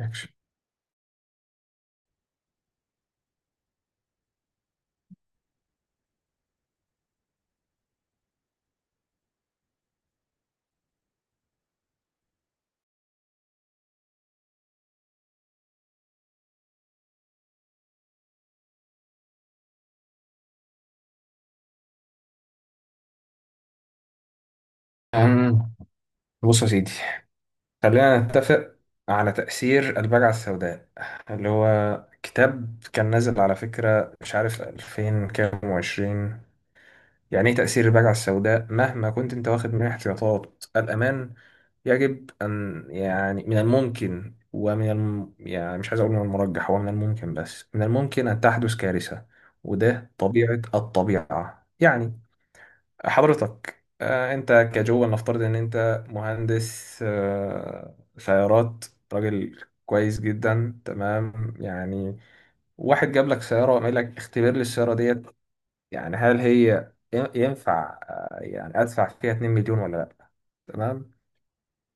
أكشن. أم، بص يا سيدي، خلينا نتفق على تأثير البجعة السوداء اللي هو كتاب كان نازل، على فكرة مش عارف 2000 كام وعشرين. يعني ايه تأثير البجعة السوداء؟ مهما كنت انت واخد من احتياطات الأمان، يجب أن يعني من الممكن يعني مش عايز أقول من المرجح، هو من الممكن، بس من الممكن أن تحدث كارثة. وده طبيعة الطبيعة يعني. حضرتك انت كجو نفترض ان انت مهندس سيارات، راجل كويس جدا، تمام يعني. واحد جاب لك سيارة وقال لك اختبر لي السيارة ديت، يعني هل هي ينفع يعني ادفع فيها 2 مليون ولا لا؟ تمام.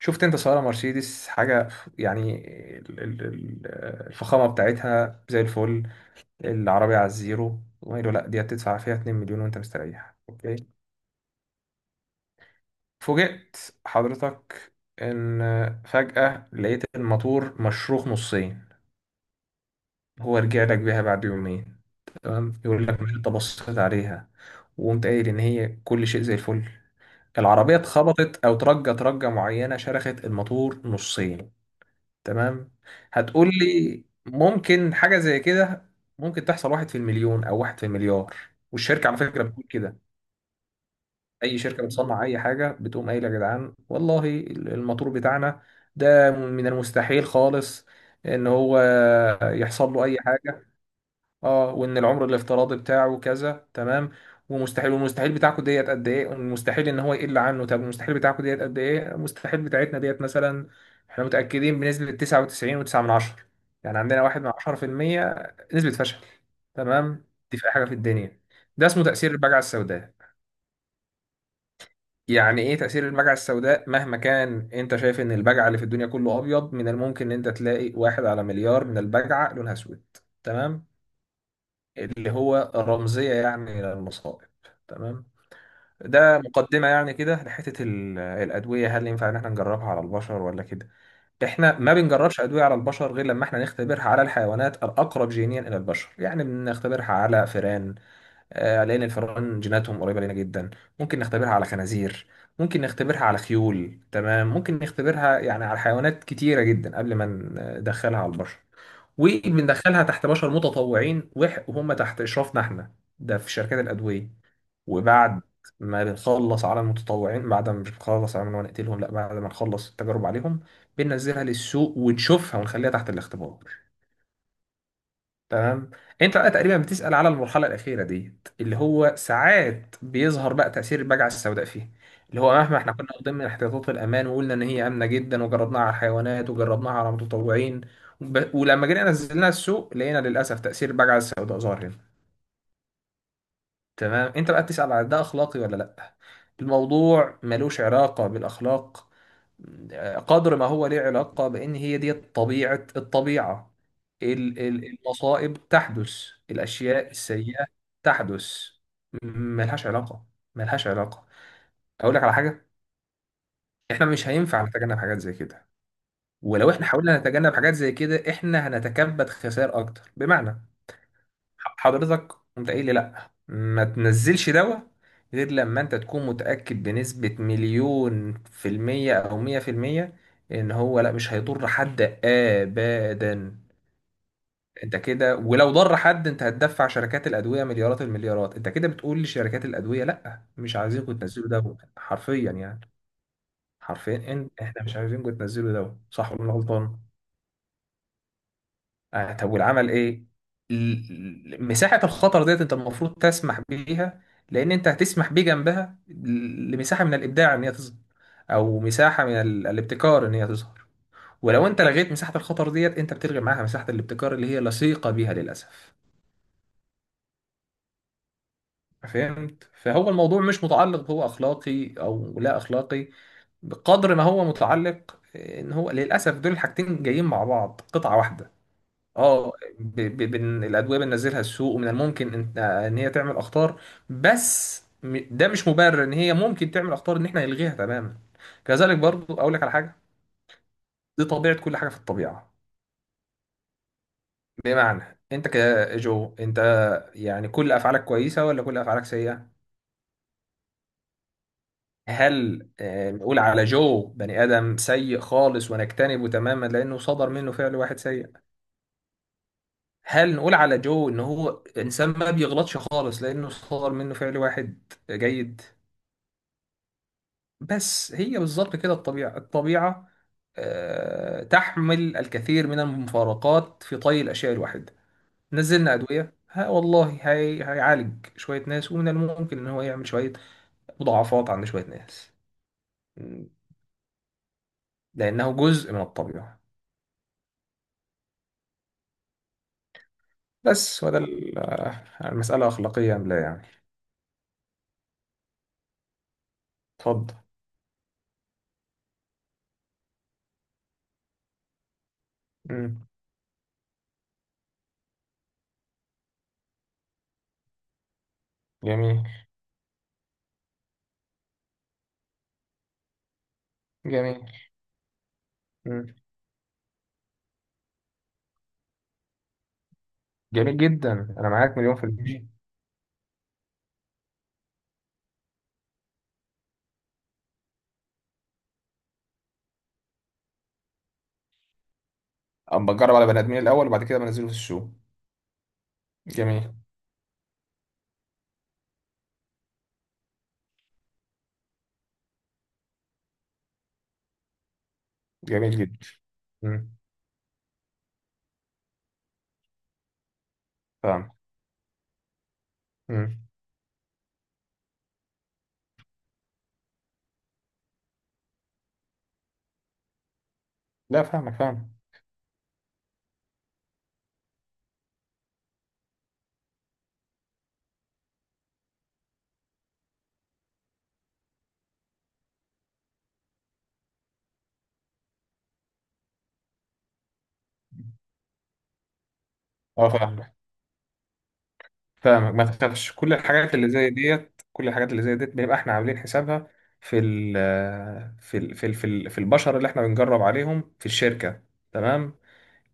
شفت انت سيارة مرسيدس حاجة يعني، الفخامة بتاعتها زي الفل. العربية على الزيرو، وقالوا لا دي هتدفع فيها 2 مليون وانت مستريح، اوكي. فوجئت حضرتك إن فجأة لقيت الماتور مشروخ نصين. هو رجع لك بيها بعد يومين تمام، يقول لك مش أنت بصيت عليها وقمت قايل إن هي كل شيء زي الفل. العربية اتخبطت أو ترجت رجة معينة، شرخت الماتور نصين. تمام. هتقول لي ممكن حاجة زي كده؟ ممكن تحصل واحد في المليون أو واحد في المليار. والشركة على فكرة بتقول كده. اي شركه بتصنع اي حاجه بتقوم قايله، يا جدعان والله الموتور بتاعنا ده من المستحيل خالص ان هو يحصل له اي حاجه. اه، وان العمر الافتراضي بتاعه كذا، تمام. ومستحيل. والمستحيل بتاعكم ديت قد ايه؟ والمستحيل ان هو يقل عنه. طب المستحيل بتاعكم ديت قد ايه؟ المستحيل بتاعتنا ديت مثلا احنا متاكدين بنسبه 99.9 من عشرة، يعني عندنا واحد من 10% نسبه فشل. تمام. دي في اي حاجه في الدنيا. ده اسمه تاثير البجعه السوداء. يعني ايه تأثير البجعة السوداء؟ مهما كان انت شايف ان البجعة اللي في الدنيا كله ابيض، من الممكن ان انت تلاقي واحد على مليار من البجعة لونها اسود. تمام. اللي هو رمزية يعني للمصائب. تمام. ده مقدمة يعني كده لحتة الأدوية. هل ينفع إن إحنا نجربها على البشر ولا كده؟ إحنا ما بنجربش أدوية على البشر غير لما إحنا نختبرها على الحيوانات الأقرب جينيا إلى البشر، يعني بنختبرها على فئران. لأن الفئران جيناتهم قريبة لنا جدا. ممكن نختبرها على خنازير، ممكن نختبرها على خيول، تمام، ممكن نختبرها يعني على حيوانات كتيرة جدا قبل ما ندخلها على البشر. وبندخلها تحت بشر متطوعين، وهم تحت إشرافنا احنا، ده في شركات الأدوية. وبعد ما بنخلص على المتطوعين، بعد ما مش بنخلص على ما نقتلهم لا، بعد ما نخلص التجارب عليهم، بننزلها للسوق ونشوفها ونخليها تحت الاختبار. تمام. انت بقى تقريبا بتسأل على المرحلة الأخيرة ديت اللي هو ساعات بيظهر بقى تأثير البجعة السوداء فيه. اللي هو مهما احنا كنا ضمن احتياطات الأمان وقلنا إن هي آمنة جدا وجربناها على الحيوانات وجربناها على المتطوعين، ولما جينا نزلناها السوق، لقينا للأسف تأثير البجعة السوداء ظاهر هنا. تمام. انت بقى بتسأل على ده اخلاقي ولا لا. الموضوع ملوش علاقة بالاخلاق قدر ما هو ليه علاقة بان هي دي طبيعة الطبيعة. المصائب تحدث، الاشياء السيئة تحدث، م- ملهاش علاقة، ملهاش علاقة. اقول لك على حاجة، احنا مش هينفع نتجنب حاجات زي كده. ولو احنا حاولنا نتجنب حاجات زي كده، احنا هنتكبد خسائر اكتر. بمعنى حضرتك قمت قايل لي لا ما تنزلش دواء غير لما انت تكون متأكد بنسبة مليون في المية او مية في المية ان هو لا مش هيضر حد ابدا. انت كده ولو ضر حد، انت هتدفع شركات الادوية مليارات المليارات. انت كده بتقول لشركات الادوية لا مش عايزينكم تنزلوا دواء حرفيا يعني. حرفيا احنا مش عايزينكم تنزلوا دواء. صح ولا أنا غلطان؟ آه. طب والعمل ايه؟ مساحة الخطر ديت انت المفروض تسمح بيها. لان انت هتسمح بيه جنبها لمساحة من الابداع ان هي تظهر، او مساحة من الابتكار ان هي تظهر. ولو انت لغيت مساحة الخطر ديت، انت بتلغي معاها مساحة الابتكار اللي هي لصيقة بيها للاسف. فهمت. فهو الموضوع مش متعلق بهو اخلاقي او لا اخلاقي بقدر ما هو متعلق ان هو للاسف دول الحاجتين جايين مع بعض قطعة واحدة. اه. الادويه بننزلها السوق، ومن الممكن إن هي تعمل اخطار. بس ده مش مبرر ان هي ممكن تعمل اخطار ان احنا نلغيها تماما. كذلك برضو اقول لك على حاجه. دي طبيعه كل حاجه في الطبيعه. بمعنى انت كجو انت، يعني كل افعالك كويسه ولا كل افعالك سيئه؟ هل نقول على جو بني ادم سيء خالص ونجتنبه تماما لانه صدر منه فعل واحد سيء؟ هل نقول على جو ان هو انسان ما بيغلطش خالص لانه صدر منه فعل واحد جيد؟ بس هي بالظبط كده الطبيعة. الطبيعة تحمل الكثير من المفارقات في طي الأشياء الواحدة. نزلنا أدوية، ها والله هي هيعالج شوية ناس ومن الممكن إن هو يعمل شوية مضاعفات عند شوية ناس. م، لأنه جزء من الطبيعة. بس وده المسألة أخلاقية أم لا يعني. اتفضل. مم. جميل. جميل. مم. جميل جدا، أنا معاك مليون في المية. أما أجرب على بني آدمين الأول وبعد كده بنزله في السوق. جميل. جميل جدا. مم. فاهم. مم. لا فاهمك، فاهم. اه فاهمك. فاهمك ما تخافش، كل الحاجات اللي زي ديت كل الحاجات اللي زي ديت بيبقى احنا عاملين حسابها في ال في البشر اللي احنا بنجرب عليهم في الشركة. تمام.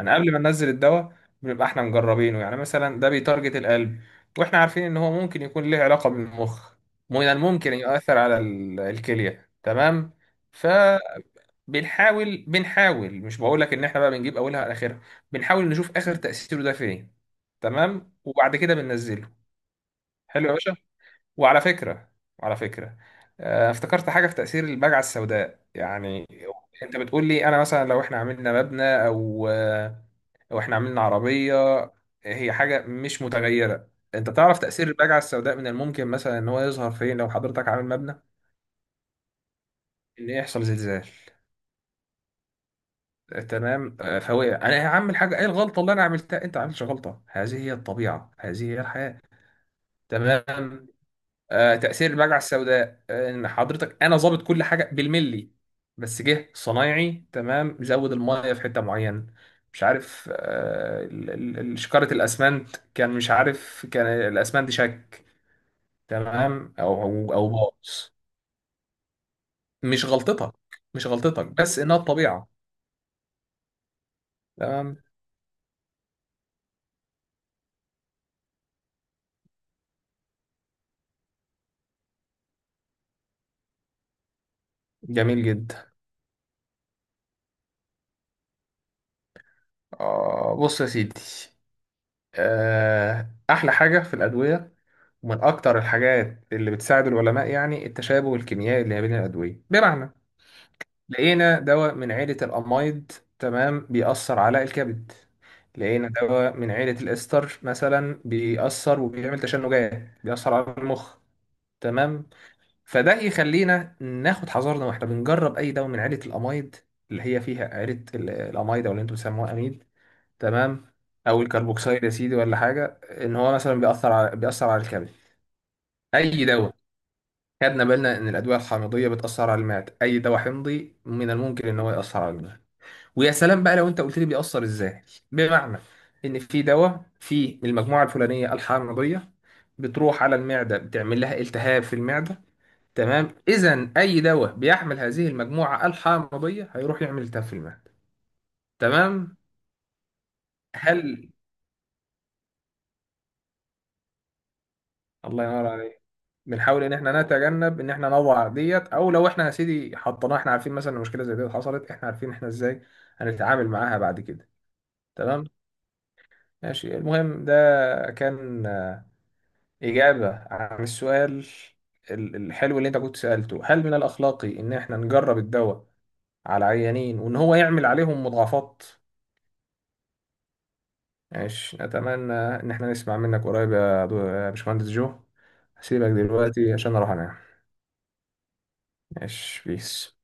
انا قبل ما ننزل الدواء، بنبقى احنا مجربينه، يعني مثلا ده بيتارجت القلب، واحنا عارفين ان هو ممكن يكون ليه علاقة بالمخ، من الممكن يؤثر على الكلية تمام. فبنحاول، بنحاول مش بقول لك ان احنا بقى بنجيب اولها على اخرها، بنحاول نشوف اخر تأثيره ده فين. تمام. وبعد كده بننزله. حلو يا باشا. وعلى فكرة، وعلى فكرة افتكرت حاجة في تأثير البجعة السوداء يعني. انت بتقول لي انا مثلا لو احنا عملنا مبنى او او احنا عملنا عربية هي حاجة مش متغيرة. انت تعرف تأثير البجعة السوداء من الممكن مثلا ان هو يظهر فين لو حضرتك عامل مبنى؟ ان يحصل زلزال. تمام فهو يعني انا هعمل حاجه ايه؟ الغلطه اللي انا عملتها؟ انت ما عملتش غلطه، هذه هي الطبيعه، هذه هي الحياه. تمام. تأثير المجرة السوداء إن حضرتك أنا ظابط كل حاجة بالملي، بس جه صنايعي تمام زود المية في حتة معينة، مش عارف شكارة الأسمنت كان مش عارف، كان الأسمنت شك تمام أو باظ. مش غلطتك، مش غلطتك بس إنها الطبيعة. تمام. جميل جدا. آه بص يا سيدي، آه أحلى حاجة في الأدوية ومن أكتر الحاجات اللي بتساعد العلماء يعني التشابه الكيميائي اللي ما بين الأدوية. بمعنى لقينا دواء من عيلة الأمايد تمام بيأثر على الكبد. لقينا دواء من عيلة الإستر مثلا بيأثر وبيعمل تشنجات، بيأثر على المخ. تمام. فده يخلينا ناخد حذرنا واحنا بنجرب أي دواء من عيلة الأمايد اللي هي فيها عيلة الأمايد أو اللي أنتم بتسموها أميل. تمام. أو الكربوكسيد يا سيدي ولا حاجة إن هو مثلا بيأثر على بيأثر على الكبد. أي دواء خدنا بالنا إن الأدوية الحامضية بتأثر على المعدة، أي دواء حمضي من الممكن إن هو يأثر على المعدة. ويا سلام بقى لو أنت قلت لي بيأثر إزاي. بمعنى إن في دواء في المجموعة الفلانية الحامضية بتروح على المعدة بتعمل لها التهاب في المعدة. تمام. إذا أي دواء بيحمل هذه المجموعة الحامضية هيروح يعمل التهاب في المعدة. تمام. هل الله ينور عليك. بنحاول ان احنا نتجنب ان احنا نوع ديت، او لو احنا يا سيدي حطيناها احنا عارفين مثلا إن مشكله زي ديت حصلت احنا عارفين احنا ازاي هنتعامل معاها بعد كده. تمام. ماشي، المهم ده كان اجابه عن السؤال الحلو اللي انت كنت سالته، هل من الاخلاقي ان احنا نجرب الدواء على عيانين وان هو يعمل عليهم مضاعفات. ماشي اتمنى ان احنا نسمع منك قريب يا يا باشمهندس جو، هسيبك دلوقتي عشان اروح انام. ماشي بيس.